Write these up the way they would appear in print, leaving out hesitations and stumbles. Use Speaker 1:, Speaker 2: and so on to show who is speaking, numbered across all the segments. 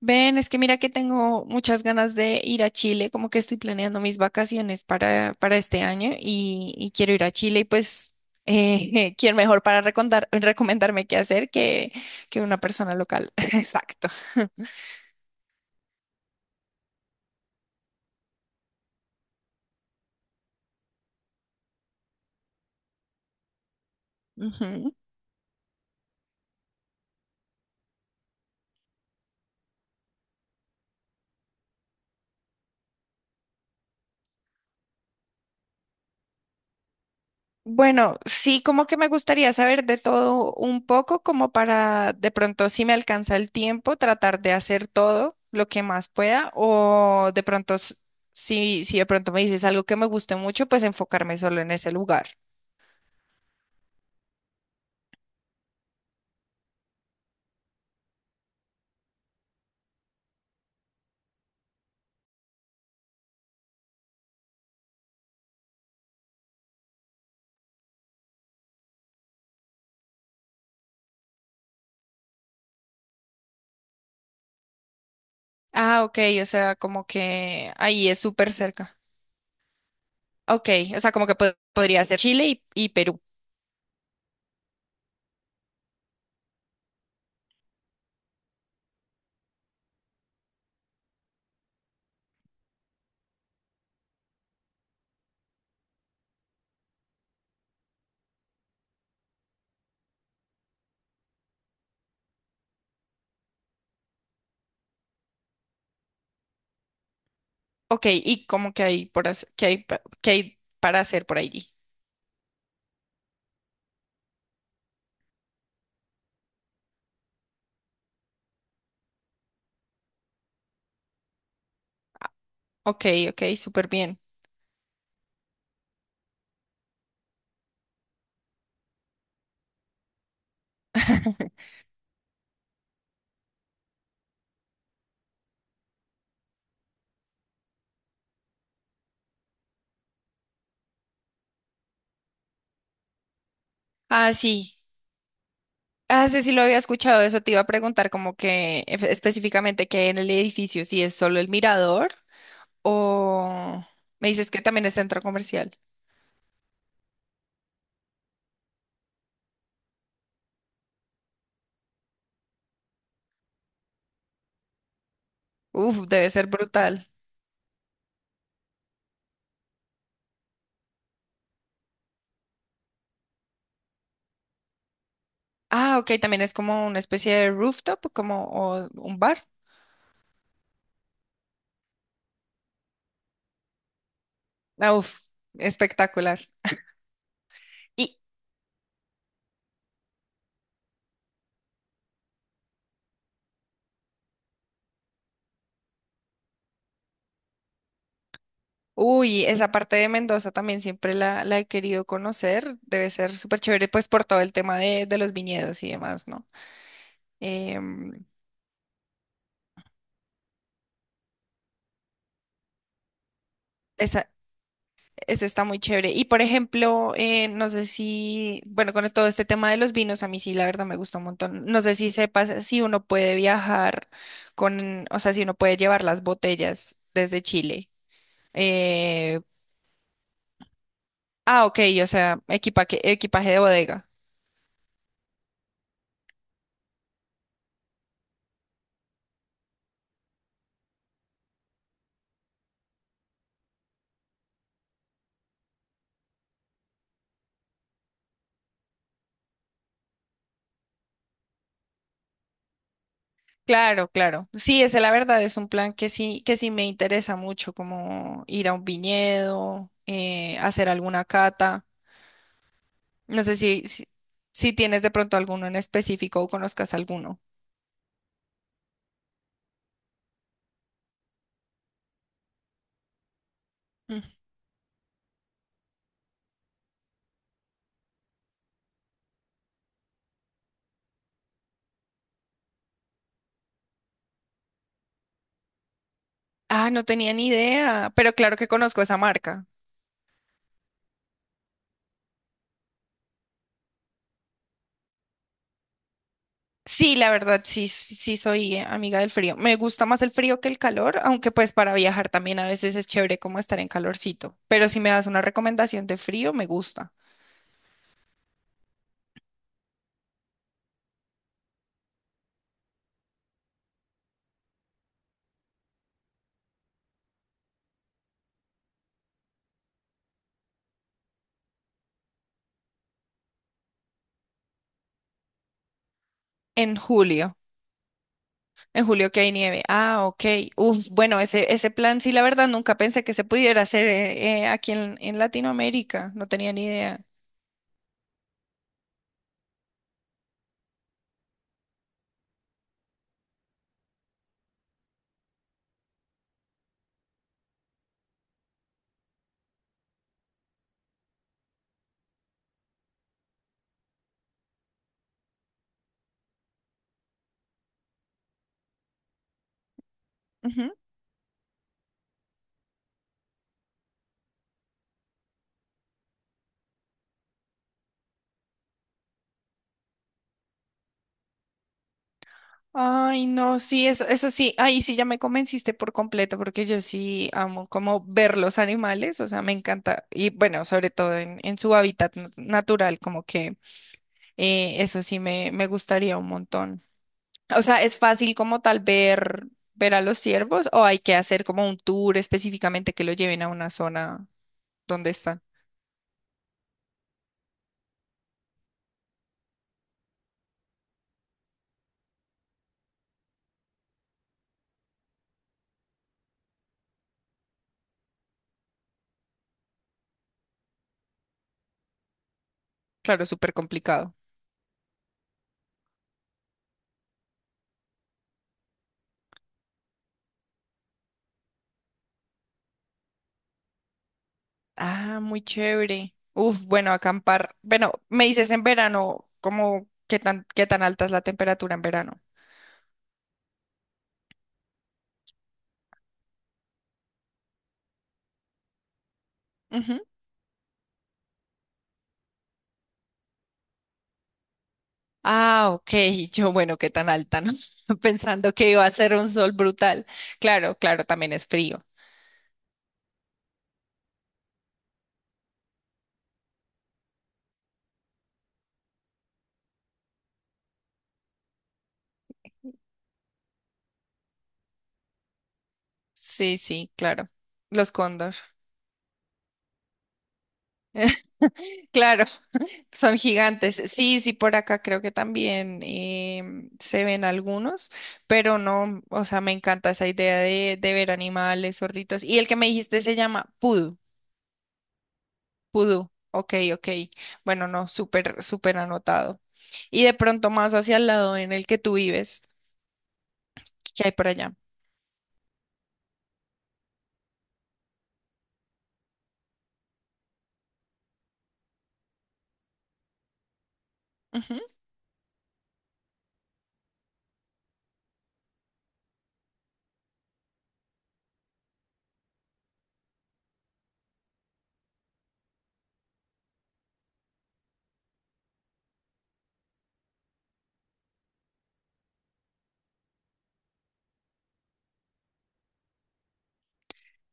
Speaker 1: Ven, es que mira que tengo muchas ganas de ir a Chile, como que estoy planeando mis vacaciones para este año y quiero ir a Chile y pues, ¿quién mejor para recomendarme qué hacer que una persona local? Exacto. Ujú. Bueno, sí, como que me gustaría saber de todo un poco, como para de pronto, si me alcanza el tiempo, tratar de hacer todo lo que más pueda, o de pronto, si de pronto me dices algo que me guste mucho, pues enfocarme solo en ese lugar. Ah, ok, o sea, como que ahí es súper cerca. Ok, o sea, como que podría ser Chile y Perú. Ok, y cómo que hay por hacer, que hay, que hay para hacer por allí. Ok, ok, súper bien. Ah, sí. Ah, sí, sí lo había escuchado, eso te iba a preguntar como que específicamente qué hay en el edificio, si es solo el mirador o me dices que también es centro comercial. Uf, debe ser brutal. Ah, ok, también es como una especie de rooftop, como o un bar. Ah, uf, espectacular. ¿Y, uy, esa parte de Mendoza también siempre la he querido conocer. Debe ser súper chévere, pues por todo el tema de los viñedos y demás, ¿no? Em, esa, esa está muy chévere. Y por ejemplo, no sé si, bueno, con todo este tema de los vinos, a mí sí, la verdad me gusta un montón. No sé si sepas si uno puede viajar con, o sea, si uno puede llevar las botellas desde Chile. Eh, ah, ok, o sea, equipaje de bodega. Claro, claro. Sí, esa la verdad es un plan que sí me interesa mucho, como ir a un viñedo, hacer alguna cata. No sé si tienes de pronto alguno en específico o conozcas alguno. Mm. Ah, no tenía ni idea, pero claro que conozco esa marca. Sí, la verdad, sí, sí sí soy amiga del frío. Me gusta más el frío que el calor, aunque pues para viajar también a veces es chévere como estar en calorcito. Pero si me das una recomendación de frío, me gusta. En julio, en julio que hay nieve. Ah, ok. Uf, bueno, ese plan sí, la verdad, nunca pensé que se pudiera hacer aquí en Latinoamérica. No tenía ni idea. Ujú. Ay, no, sí, eso sí, ahí sí ya me convenciste por completo, porque yo sí amo como ver los animales, o sea, me encanta, y bueno, sobre todo en su hábitat natural, como que eso sí me gustaría un montón. O sea, ¿es fácil como tal ver a los ciervos o hay que hacer como un tour específicamente que lo lleven a una zona donde están? Claro, súper complicado. Ah, muy chévere. Uf, bueno, acampar. Bueno, me dices en verano, como qué tan alta es la temperatura en verano? Ujú. Ah, ok. Yo, bueno, qué tan alta, ¿no? Pensando que iba a ser un sol brutal. Claro, claro, también es frío. Sí, sí, claro. Los cóndor. Claro. Son gigantes. Sí, sí, por acá creo que también se ven algunos, pero no, o sea, me encanta esa idea de ver animales, zorritos. Y el que me dijiste se llama Pudu, Pudu. Ok, ok. Bueno, no, súper, súper anotado. Y de pronto más hacia el lado en el que tú vives, ¿qué hay por allá?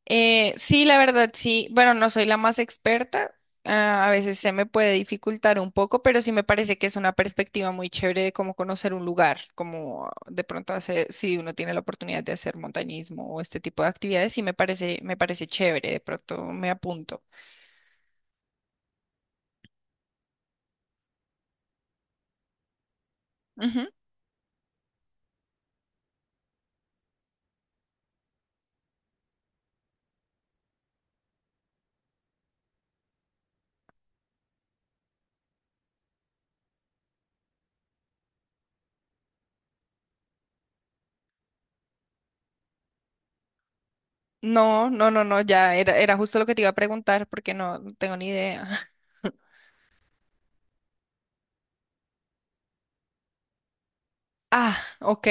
Speaker 1: Sí, la verdad, sí. Bueno, no soy la más experta. Ah, a veces se me puede dificultar un poco, pero sí me parece que es una perspectiva muy chévere de cómo conocer un lugar, como de pronto hacer, si uno tiene la oportunidad de hacer montañismo o este tipo de actividades, sí me parece chévere. De pronto me apunto. Ujú. No, no, no, no, ya era, era justo lo que te iba a preguntar porque no, no tengo ni idea. Ah, ok.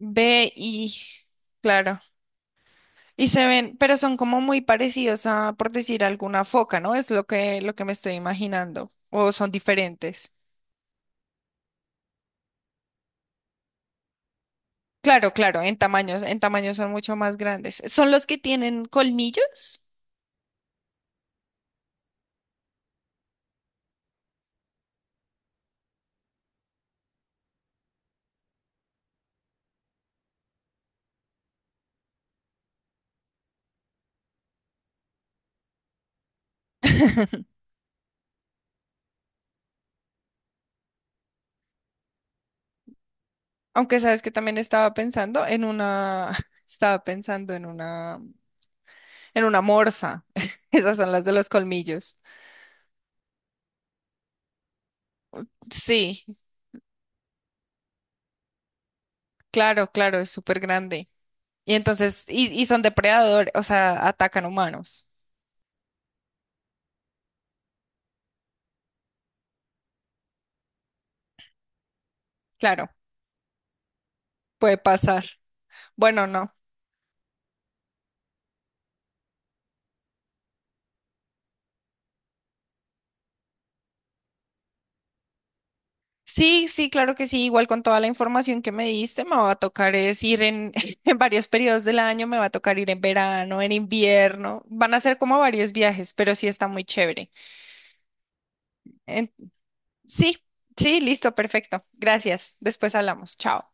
Speaker 1: Ve y claro. Y se ven, pero son como muy parecidos a, por decir, alguna foca, ¿no? Es lo que me estoy imaginando. O son diferentes. Claro, claro, en tamaños son mucho más grandes. ¿Son los que tienen colmillos? Aunque sabes que también estaba pensando en una, estaba pensando en una morsa. Esas son las de los colmillos. Sí, claro, claro, es súper grande. Y entonces, y son depredadores, o sea, atacan humanos. Claro, puede pasar. Bueno, no. Sí, sí, claro que sí. Igual con toda la información que me diste, me va a tocar es en varios periodos del año, me va a tocar ir en verano, en invierno. Van a ser como varios viajes, pero sí está muy chévere. En- sí, sí, listo, perfecto. Gracias. Después hablamos. Chao.